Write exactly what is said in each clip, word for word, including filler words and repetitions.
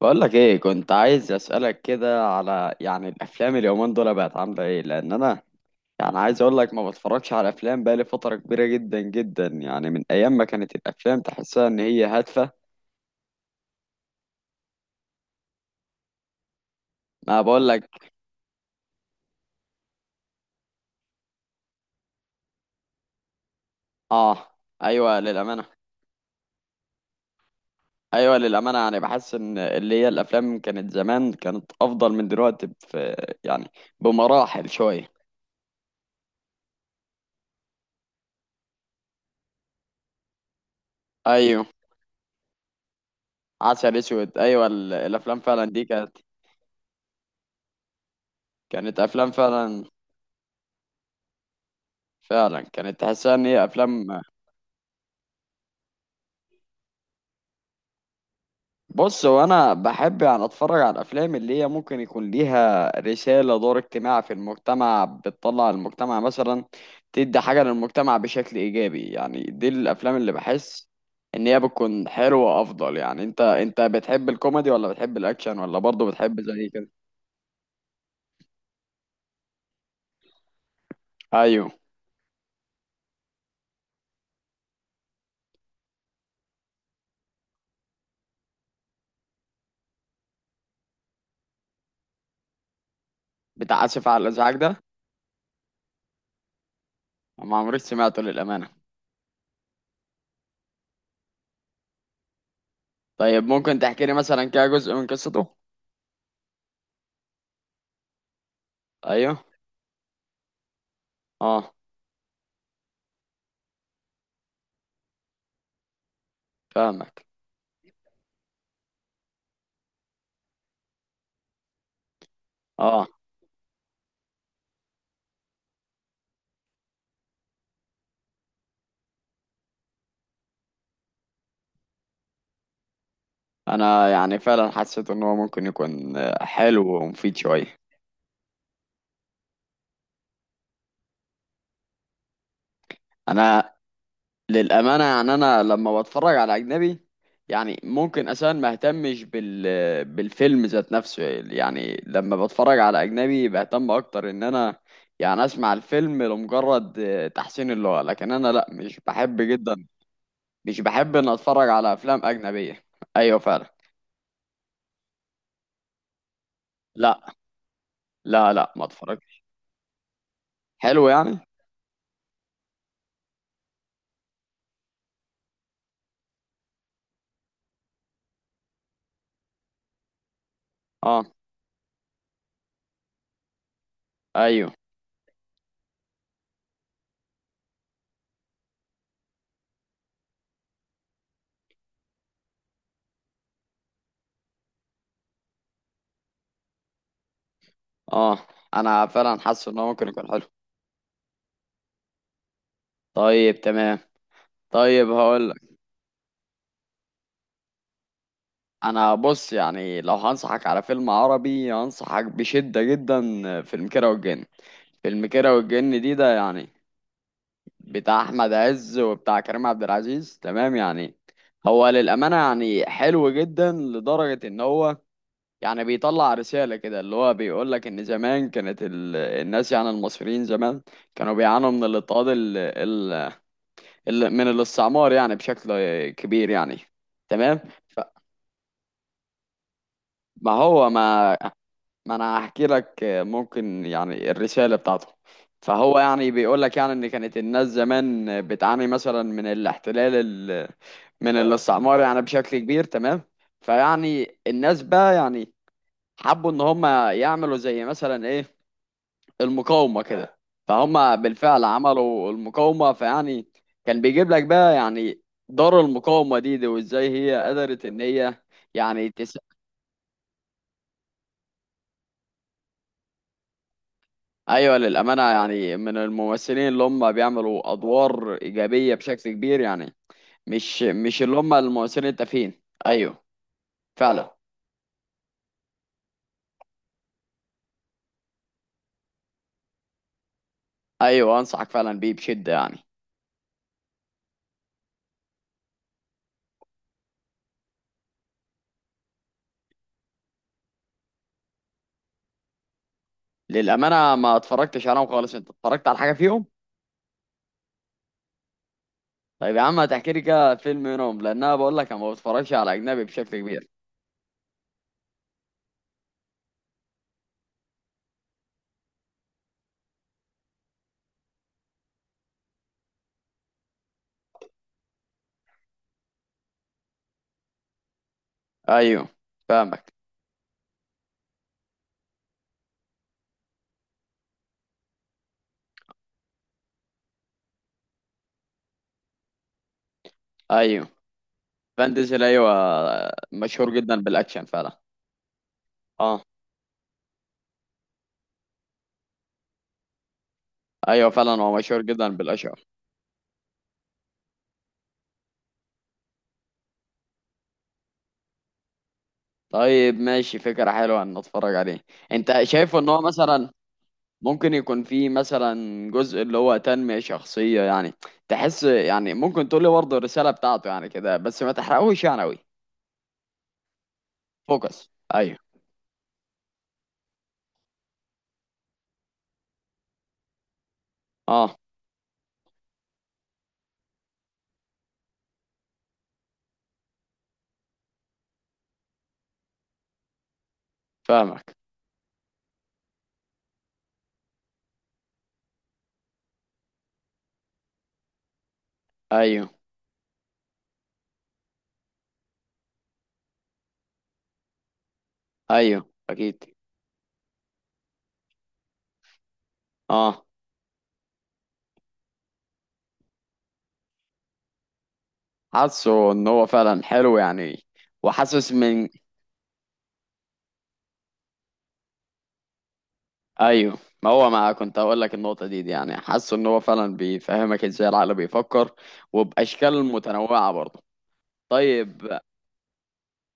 بقولك ايه، كنت عايز اسألك كده على يعني الافلام اليومين دول بقت عاملة ايه؟ لان انا يعني عايز اقولك ما بتفرجش على افلام بقالي فترة كبيرة جدا جدا، يعني من ايام ما كانت الافلام تحسها ان هي هادفة. ما بقولك. اه. ايوه للأمانة. ايوه للأمانة، يعني بحس ان اللي هي الافلام كانت زمان، كانت افضل من دلوقتي في، يعني، بمراحل شوية. ايوه، عسل اسود، ايوه ال- الافلام فعلا دي كانت، كانت افلام فعلا. فعلا كانت تحسها ان هي افلام. بص، هو انا بحب يعني اتفرج على الافلام اللي هي ممكن يكون ليها رساله، دور اجتماعي في المجتمع، بتطلع المجتمع مثلا، تدي حاجه للمجتمع بشكل ايجابي. يعني دي الافلام اللي بحس ان هي بتكون حلوه افضل. يعني انت انت بتحب الكوميدي ولا بتحب الاكشن ولا برضه بتحب زي كده؟ ايوه، بتاع اسف على الازعاج ده؟ ما عمريش سمعته للامانه. طيب ممكن تحكي لي مثلا كده جزء من قصته؟ ايوه. اه. فاهمك. اه. انا يعني فعلا حسيت ان هو ممكن يكون حلو ومفيد شويه. انا للامانه، يعني انا لما بتفرج على اجنبي يعني ممكن اساسا ما اهتمش بال، بالفيلم ذات نفسه. يعني لما بتفرج على اجنبي بهتم اكتر ان انا يعني اسمع الفيلم لمجرد تحسين اللغه، لكن انا لا، مش بحب جدا، مش بحب ان اتفرج على افلام اجنبيه. ايوه فعلا. لا لا لا، ما اتفرج. حلو يعني. اه. ايوه. اه انا فعلا حاسس ان هو ممكن يكون حلو. طيب تمام. طيب هقولك. انا بص، يعني لو هنصحك على فيلم عربي هنصحك بشدة جدا، فيلم كيرة والجن. فيلم كيرة والجن دي، ده يعني بتاع احمد عز وبتاع كريم عبد العزيز، تمام يعني. هو للأمانة يعني حلو جدا لدرجة ان هو يعني بيطلع رسالة كده، اللي هو بيقولك ان زمان كانت ال... الناس، يعني المصريين زمان كانوا بيعانوا من الاضطهاد ال... ال... ال... من الاستعمار يعني بشكل كبير يعني. تمام. ما هو ما ما انا هحكي لك ممكن يعني الرسالة بتاعته. فهو يعني بيقول لك يعني ان كانت الناس زمان بتعاني مثلا من الاحتلال، ال... من اه الاستعمار يعني بشكل كبير، تمام. فيعني الناس بقى يعني حبوا ان هم يعملوا زي مثلا ايه، المقاومة كده. فهم بالفعل عملوا المقاومة، فيعني كان بيجيب لك بقى يعني دار المقاومة دي دي، وازاي هي قدرت ان هي، يعني. ايوه للامانه، يعني من الممثلين اللي هم بيعملوا ادوار ايجابيه بشكل كبير يعني، مش مش اللي هم الممثلين التافهين. ايوه فعلا. ايوه انصحك فعلا بيه بشده يعني. للامانه ما اتفرجتش عليهم خالص، انت اتفرجت على حاجه فيهم؟ طيب يا عم هتحكي لي كده فيلم منهم، لان انا بقول لك انا ما بتفرجش على اجنبي بشكل كبير. ايوه. فاهمك. ايوه، فان ديزل، ايوه مشهور جدا بالاكشن فعلا. اه. ايوه فعلا، هو مشهور جدا بالاكشن. طيب ماشي، فكرة حلوة ان اتفرج عليه. انت شايف ان هو مثلا ممكن يكون فيه مثلا جزء اللي هو تنمية شخصية يعني؟ تحس؟ يعني ممكن تقول لي برضه الرسالة بتاعته يعني كده، بس ما تحرقوش يعني قوي. فوكس، ايوه. اه. فاهمك. ايوه. ايوه اكيد. اه. حاسه ان هو فعلا حلو يعني. وحاسس من، ايوه، ما هو ما كنت هقول لك النقطة دي, دي يعني، حاسه ان هو فعلا بيفهمك ازاي العقل بيفكر، وباشكال متنوعة برضه. طيب.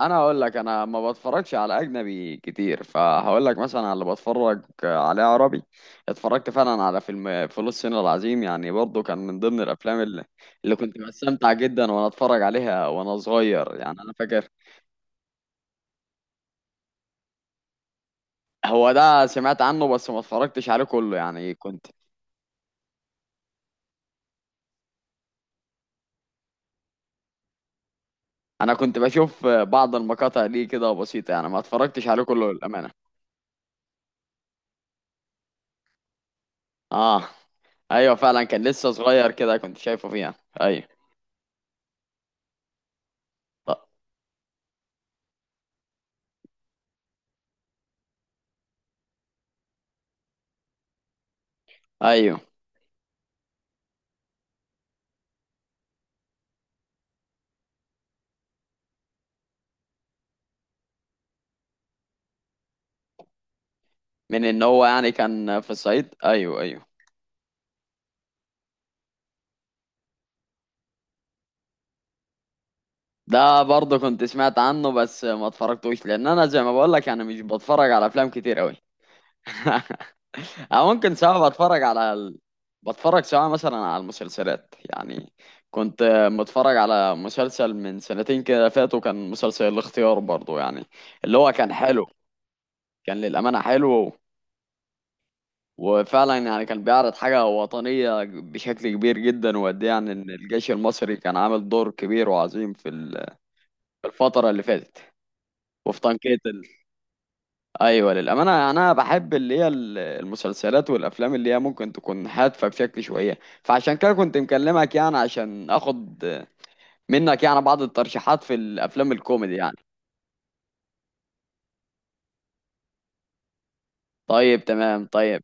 انا هقول لك انا ما بتفرجش على اجنبي كتير، فهقول لك مثلا على اللي بتفرج عليه عربي. اتفرجت فعلا على فيلم فول الصين العظيم، يعني برضه كان من ضمن الافلام اللي, اللي كنت بستمتع جدا وانا اتفرج عليها وانا صغير، يعني انا فاكر. هو ده سمعت عنه بس ما اتفرجتش عليه كله، يعني كنت، انا كنت بشوف بعض المقاطع دي كده بسيطة، يعني ما اتفرجتش عليه كله للأمانة. اه. ايوه فعلا كان لسه صغير كده، كنت شايفه فيها. ايوه، ايوه، من ان هو يعني كان في الصعيد، ايوه ايوه. ده برضه كنت سمعت عنه بس ما اتفرجتوش، لان انا زي ما بقول لك انا مش بتفرج على افلام كتير قوي. او ممكن سواء بتفرج على ال... بتفرج سواء مثلا على المسلسلات يعني. كنت متفرج على مسلسل من سنتين كده فاتوا، كان مسلسل الاختيار برضه، يعني اللي هو كان حلو. كان للأمانة حلو. وفعلا يعني كان بيعرض حاجة وطنية بشكل كبير جدا، وقد إيه يعني إن الجيش المصري كان عامل دور كبير وعظيم في ال... الفترة اللي فاتت. وفطن كيتل. ايوه للامانه، انا بحب اللي هي ال- المسلسلات والافلام اللي هي ممكن تكون هادفه بشكل شويه. فعشان كده كنت مكلمك يعني عشان اخد منك يعني بعض الترشيحات في الافلام الكوميدي يعني. طيب تمام. طيب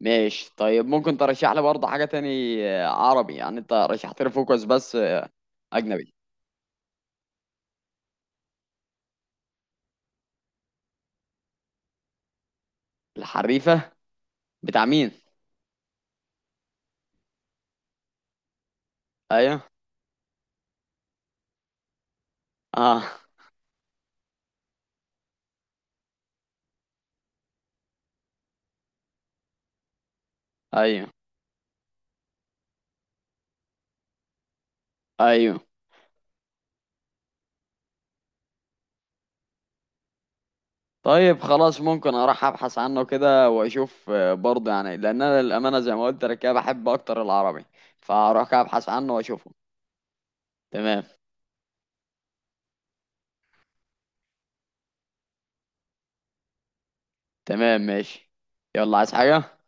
ماشي. طيب ممكن ترشح لي برضه حاجه تاني عربي؟ يعني انت رشحت لي فوكس بس اجنبي. الحريفه، بتاع مين؟ ايوه. اه. ايوه. ايوه. طيب خلاص، ممكن اروح ابحث عنه كده واشوف، آه، برضه يعني لان انا للامانه زي ما قلت لك كده، بحب اكتر العربي. فاروح كده ابحث عنه واشوفه. تمام. تمام ماشي. يلا، عايز حاجه؟